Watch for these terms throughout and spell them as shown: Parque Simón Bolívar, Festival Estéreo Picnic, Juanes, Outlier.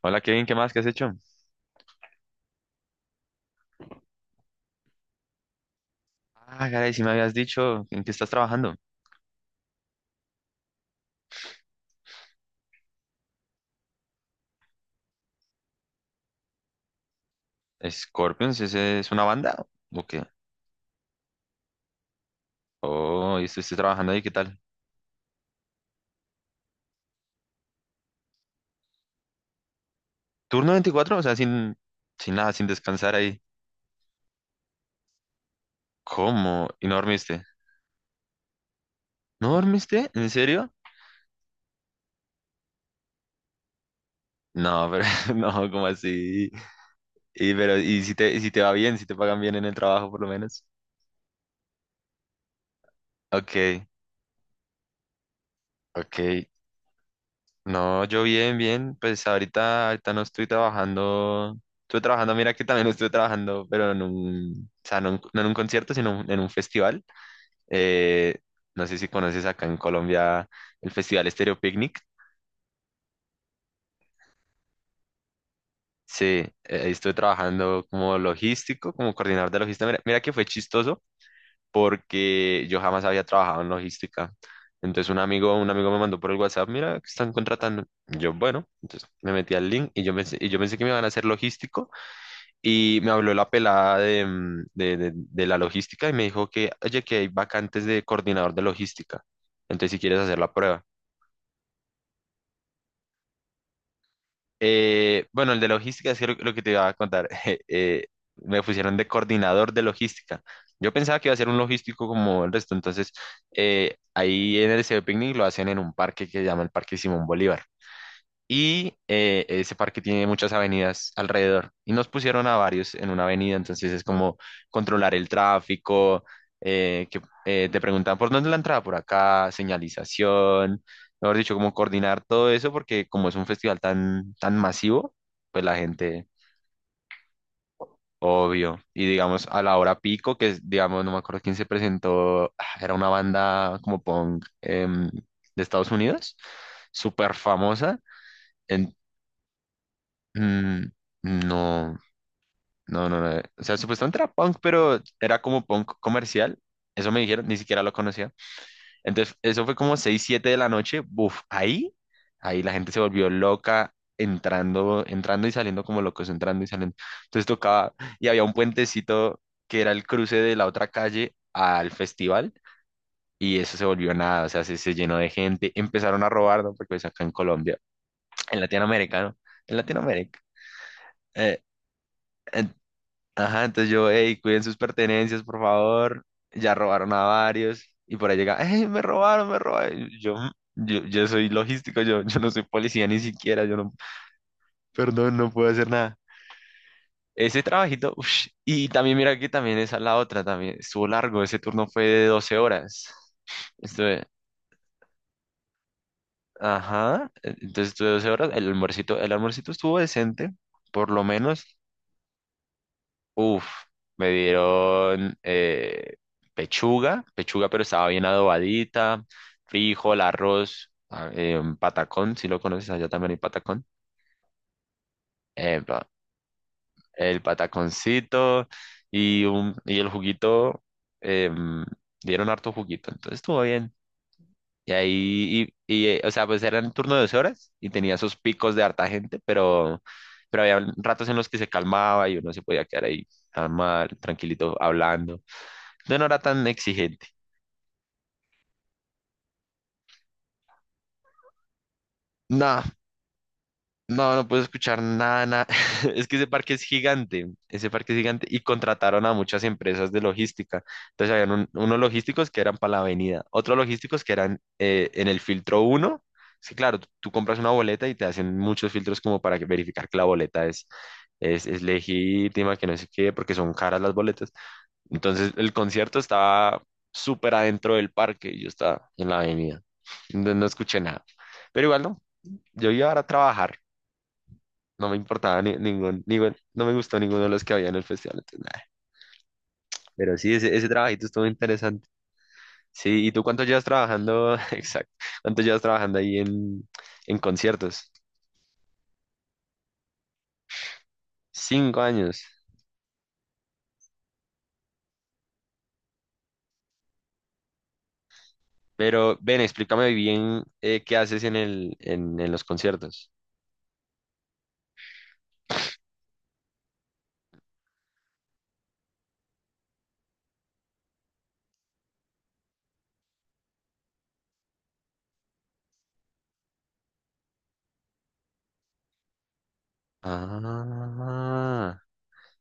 Hola Kevin, ¿qué más? ¿Qué has hecho? Ah, caray, si me habías dicho en qué estás trabajando. ¿Scorpions? ¿Ese es una banda? ¿O qué? Oh, y estoy trabajando ahí, ¿qué tal? ¿Turno 24? O sea, sin nada, sin descansar ahí. ¿Cómo? ¿Y no dormiste? ¿No dormiste? ¿En serio? No, pero no, ¿cómo así? Y pero, y si te va bien, si te pagan bien en el trabajo por lo menos. Ok, ok. No, yo bien, bien. Pues ahorita no estoy trabajando. Estuve trabajando, mira que también estuve trabajando, pero en un, o sea, no, en no en un concierto, sino en un festival. Eh, no sé si conoces acá en Colombia el Festival Estéreo Picnic. Sí, ahí estuve trabajando como logístico, como coordinador de logística. Mira que fue chistoso porque yo jamás había trabajado en logística. Entonces un amigo me mandó por el WhatsApp, mira, que están contratando. Yo, bueno, entonces me metí al link y yo pensé que me iban a hacer logístico. Y me habló la pelada de, mm, de la logística y me dijo que, oye, que hay vacantes de coordinador de logística. Entonces, si quieres hacer la prueba. Bueno, el de logística es que lo que te iba a contar. Me pusieron de coordinador de logística. Yo pensaba que iba a ser un logístico como el resto. Entonces, ahí en el Liceo de Picnic lo hacen en un parque que se llama el Parque Simón Bolívar. Y ese parque tiene muchas avenidas alrededor. Y nos pusieron a varios en una avenida, entonces es como controlar el tráfico, que te preguntan por dónde es la entrada, por acá, señalización, mejor dicho, como coordinar todo eso, porque como es un festival tan, tan masivo, pues la gente, obvio. Y digamos, a la hora pico, que es, digamos, no me acuerdo quién se presentó, ah, era una banda como punk de Estados Unidos, súper famosa. Mm, no, no, no, no. O sea, supuestamente era punk, pero era como punk comercial. Eso me dijeron, ni siquiera lo conocía. Entonces, eso fue como 6 7 de la noche. Buf, ahí la gente se volvió loca, entrando y saliendo como locos, entrando y saliendo. Entonces tocaba, y había un puentecito que era el cruce de la otra calle al festival. Y eso se volvió nada, o sea, se llenó de gente. Empezaron a robar, ¿no? Porque pues acá en Colombia, en Latinoamérica, ¿no? En Latinoamérica. eh, Ajá, entonces yo, hey, cuiden sus pertenencias, por favor. Ya robaron a varios. Y por ahí llega, hey, me robaron, me robaron. Y yo, "Mm, yo soy logístico, yo no soy policía ni siquiera, yo no, perdón, no puedo hacer nada." Ese trabajito, ush, y también mira que también esa es la otra, también estuvo largo, ese turno fue de 12 horas. Estuve, ajá, entonces estuve 12 horas, el almuercito estuvo decente, por lo menos. Uf, me dieron pechuga, pechuga pero estaba bien adobadita, frijol, arroz, ah, un patacón, si lo conoces, allá también hay patacón. Epa, el pataconcito y el juguito, em, dieron harto juguito, entonces estuvo bien. Y ahí, o sea, pues era el turno de 2 horas y tenía esos picos de harta gente, pero, había ratos en los que se calmaba y uno se podía quedar ahí, normal, tranquilito, hablando. Yo no era tan exigente. No, no, no puedo escuchar nada, nada. Es que ese parque es gigante, ese parque es gigante y contrataron a muchas empresas de logística. Entonces habían unos logísticos que eran para la avenida, otros logísticos que eran en el filtro uno. Es que claro, tú compras una boleta y te hacen muchos filtros como para que- verificar que la boleta es legítima, que no sé qué, porque son caras las boletas. Entonces el concierto estaba súper adentro del parque y yo estaba en la avenida. Entonces no escuché nada. Pero igual no, yo iba ahora a trabajar. No me importaba, no me gustó ninguno de los que había en el festival. Entonces, nada. Pero sí, ese trabajito estuvo interesante. Sí, ¿y tú cuánto llevas trabajando? Exacto. ¿Cuánto llevas trabajando ahí en conciertos? 5 años. Pero ven, explícame bien qué haces en los conciertos. Ah.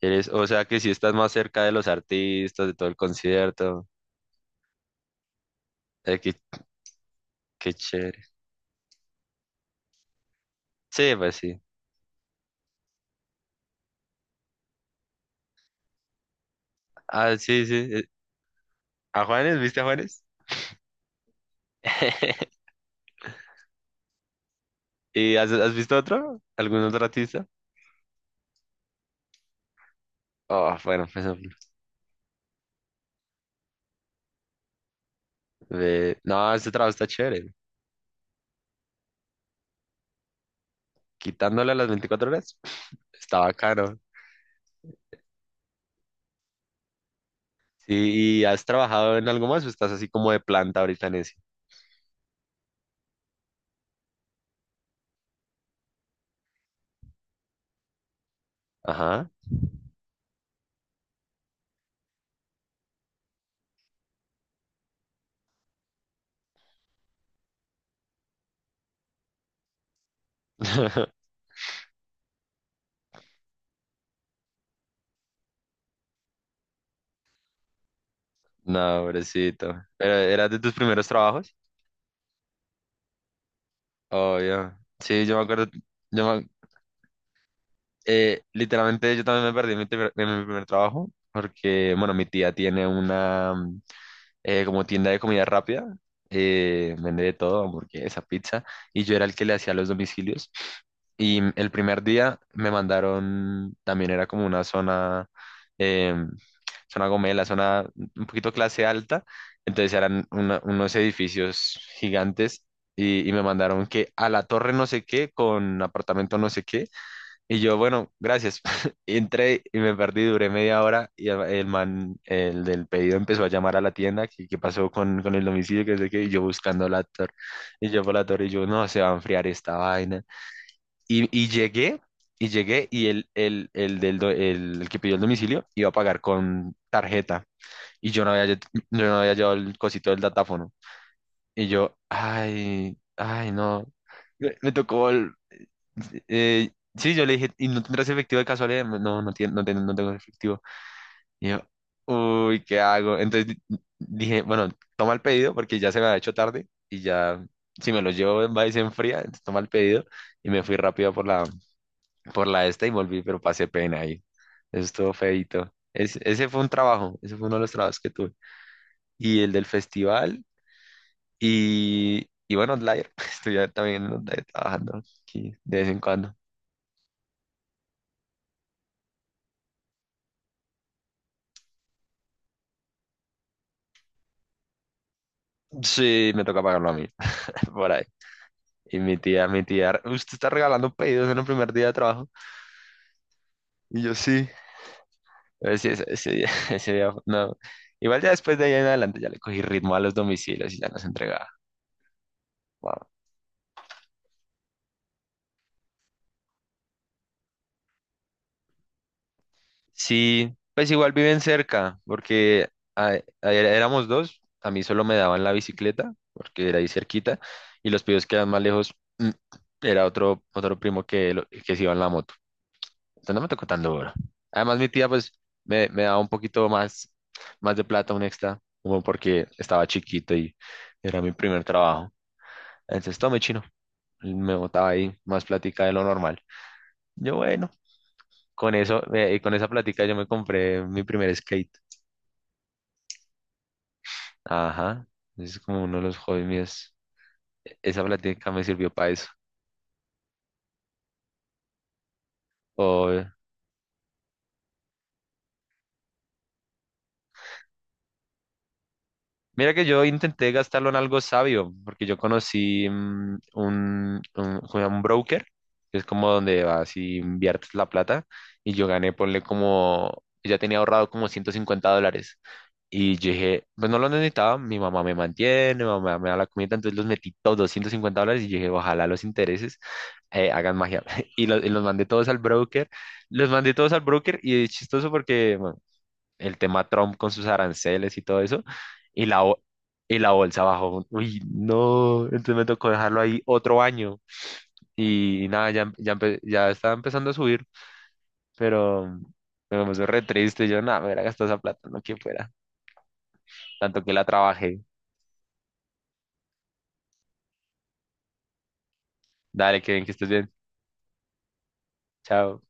Eres, o sea que si estás más cerca de los artistas, de todo el concierto. Eh, qué, qué chévere. Sí, pues sí. Ah, sí, sí. ¿A Juanes? ¿Viste a Juanes? ¿Y has visto otro? ¿Algún otro artista? Oh, bueno, pues no, este trabajo está chévere. Quitándole las 24 horas, está bacano. Sí, ¿y has trabajado en algo más o estás así como de planta ahorita en eso? Ajá. No, pobrecito. ¿Pero era de tus primeros trabajos? Obvio. Sí, yo me acuerdo, yo me, literalmente yo también me perdí en mi primer trabajo porque, bueno, mi tía tiene una como tienda de comida rápida, vende de todo, hamburguesa, pizza, y yo era el que le hacía los domicilios. Y el primer día me mandaron, también era como una zona, em, zona gomela, zona un poquito clase alta, entonces eran unos edificios gigantes y me mandaron que a la torre no sé qué, con apartamento no sé qué, y yo, bueno, gracias. Entré y me perdí, duré media hora y el man, el del pedido empezó a llamar a la tienda, que qué pasó con el domicilio, que no sé qué, y yo buscando la torre, y yo por la torre, y yo, no, se va a enfriar esta vaina. Y llegué, y el que pidió el domicilio iba a pagar con tarjeta, y yo no había llevado el cosito del datáfono. Y yo, ay, ay, no. Me tocó, sí, yo le dije, ¿y no tendrás efectivo de casualidad? No, no, no, no tengo efectivo. Y yo, uy, ¿qué hago? Entonces dije, bueno, toma el pedido porque ya se me ha hecho tarde y ya, si me lo llevo en va y se enfría, entonces toma el pedido y me fui rápido por la esta y volví, pero pasé pena ahí. Eso estuvo feíto. Ese fue un trabajo, ese fue uno de los trabajos que tuve. Y el del festival y bueno, Outlier, estoy ya también en Outlier trabajando aquí de vez en cuando. Sí, me toca pagarlo a mí. Por ahí. Y mi tía, usted está regalando pedidos en el primer día de trabajo. Y yo sí. Pero sí, ese día, ese día, no. Igual ya después de ahí en adelante ya le cogí ritmo a los domicilios y ya los entregaba. Wow. Sí, pues igual viven cerca, porque ayer éramos dos, a mí solo me daban la bicicleta, porque era ahí cerquita, y los pedidos quedan más lejos. Era otro primo que, que se iba en la moto. Entonces no me tocó tan duro. Además, mi tía, pues, me daba un poquito más, más de plata, un extra, como porque estaba chiquito y era mi primer trabajo. Entonces, tome chino. Me botaba ahí más plática de lo normal. Yo, bueno, con eso, y con esa plática yo me compré mi primer skate. Ajá. Es como uno de los hobbies míos. Esa plática me sirvió para eso. O Mira que yo intenté gastarlo en algo sabio, porque yo conocí como un broker, que es como donde vas y inviertes la plata, y yo gané, ponle como, ya tenía ahorrado como $150. Y yo dije, pues no lo necesitaba, mi mamá me mantiene, mi mamá me da la comida, entonces los metí todos, $250, y yo dije, ojalá los intereses hagan magia. Y los mandé todos al broker, los mandé todos al broker, y es chistoso porque, bueno, el tema Trump con sus aranceles y todo eso, y la, bo- y la bolsa bajó. Uy, no, entonces me tocó dejarlo ahí otro año y nada, ya estaba empezando a subir, pero pero me puso re triste. Yo, nada, me hubiera gastado esa plata, no que fuera, tanto que la trabajé. Dale, que bien, que estés bien. Chao.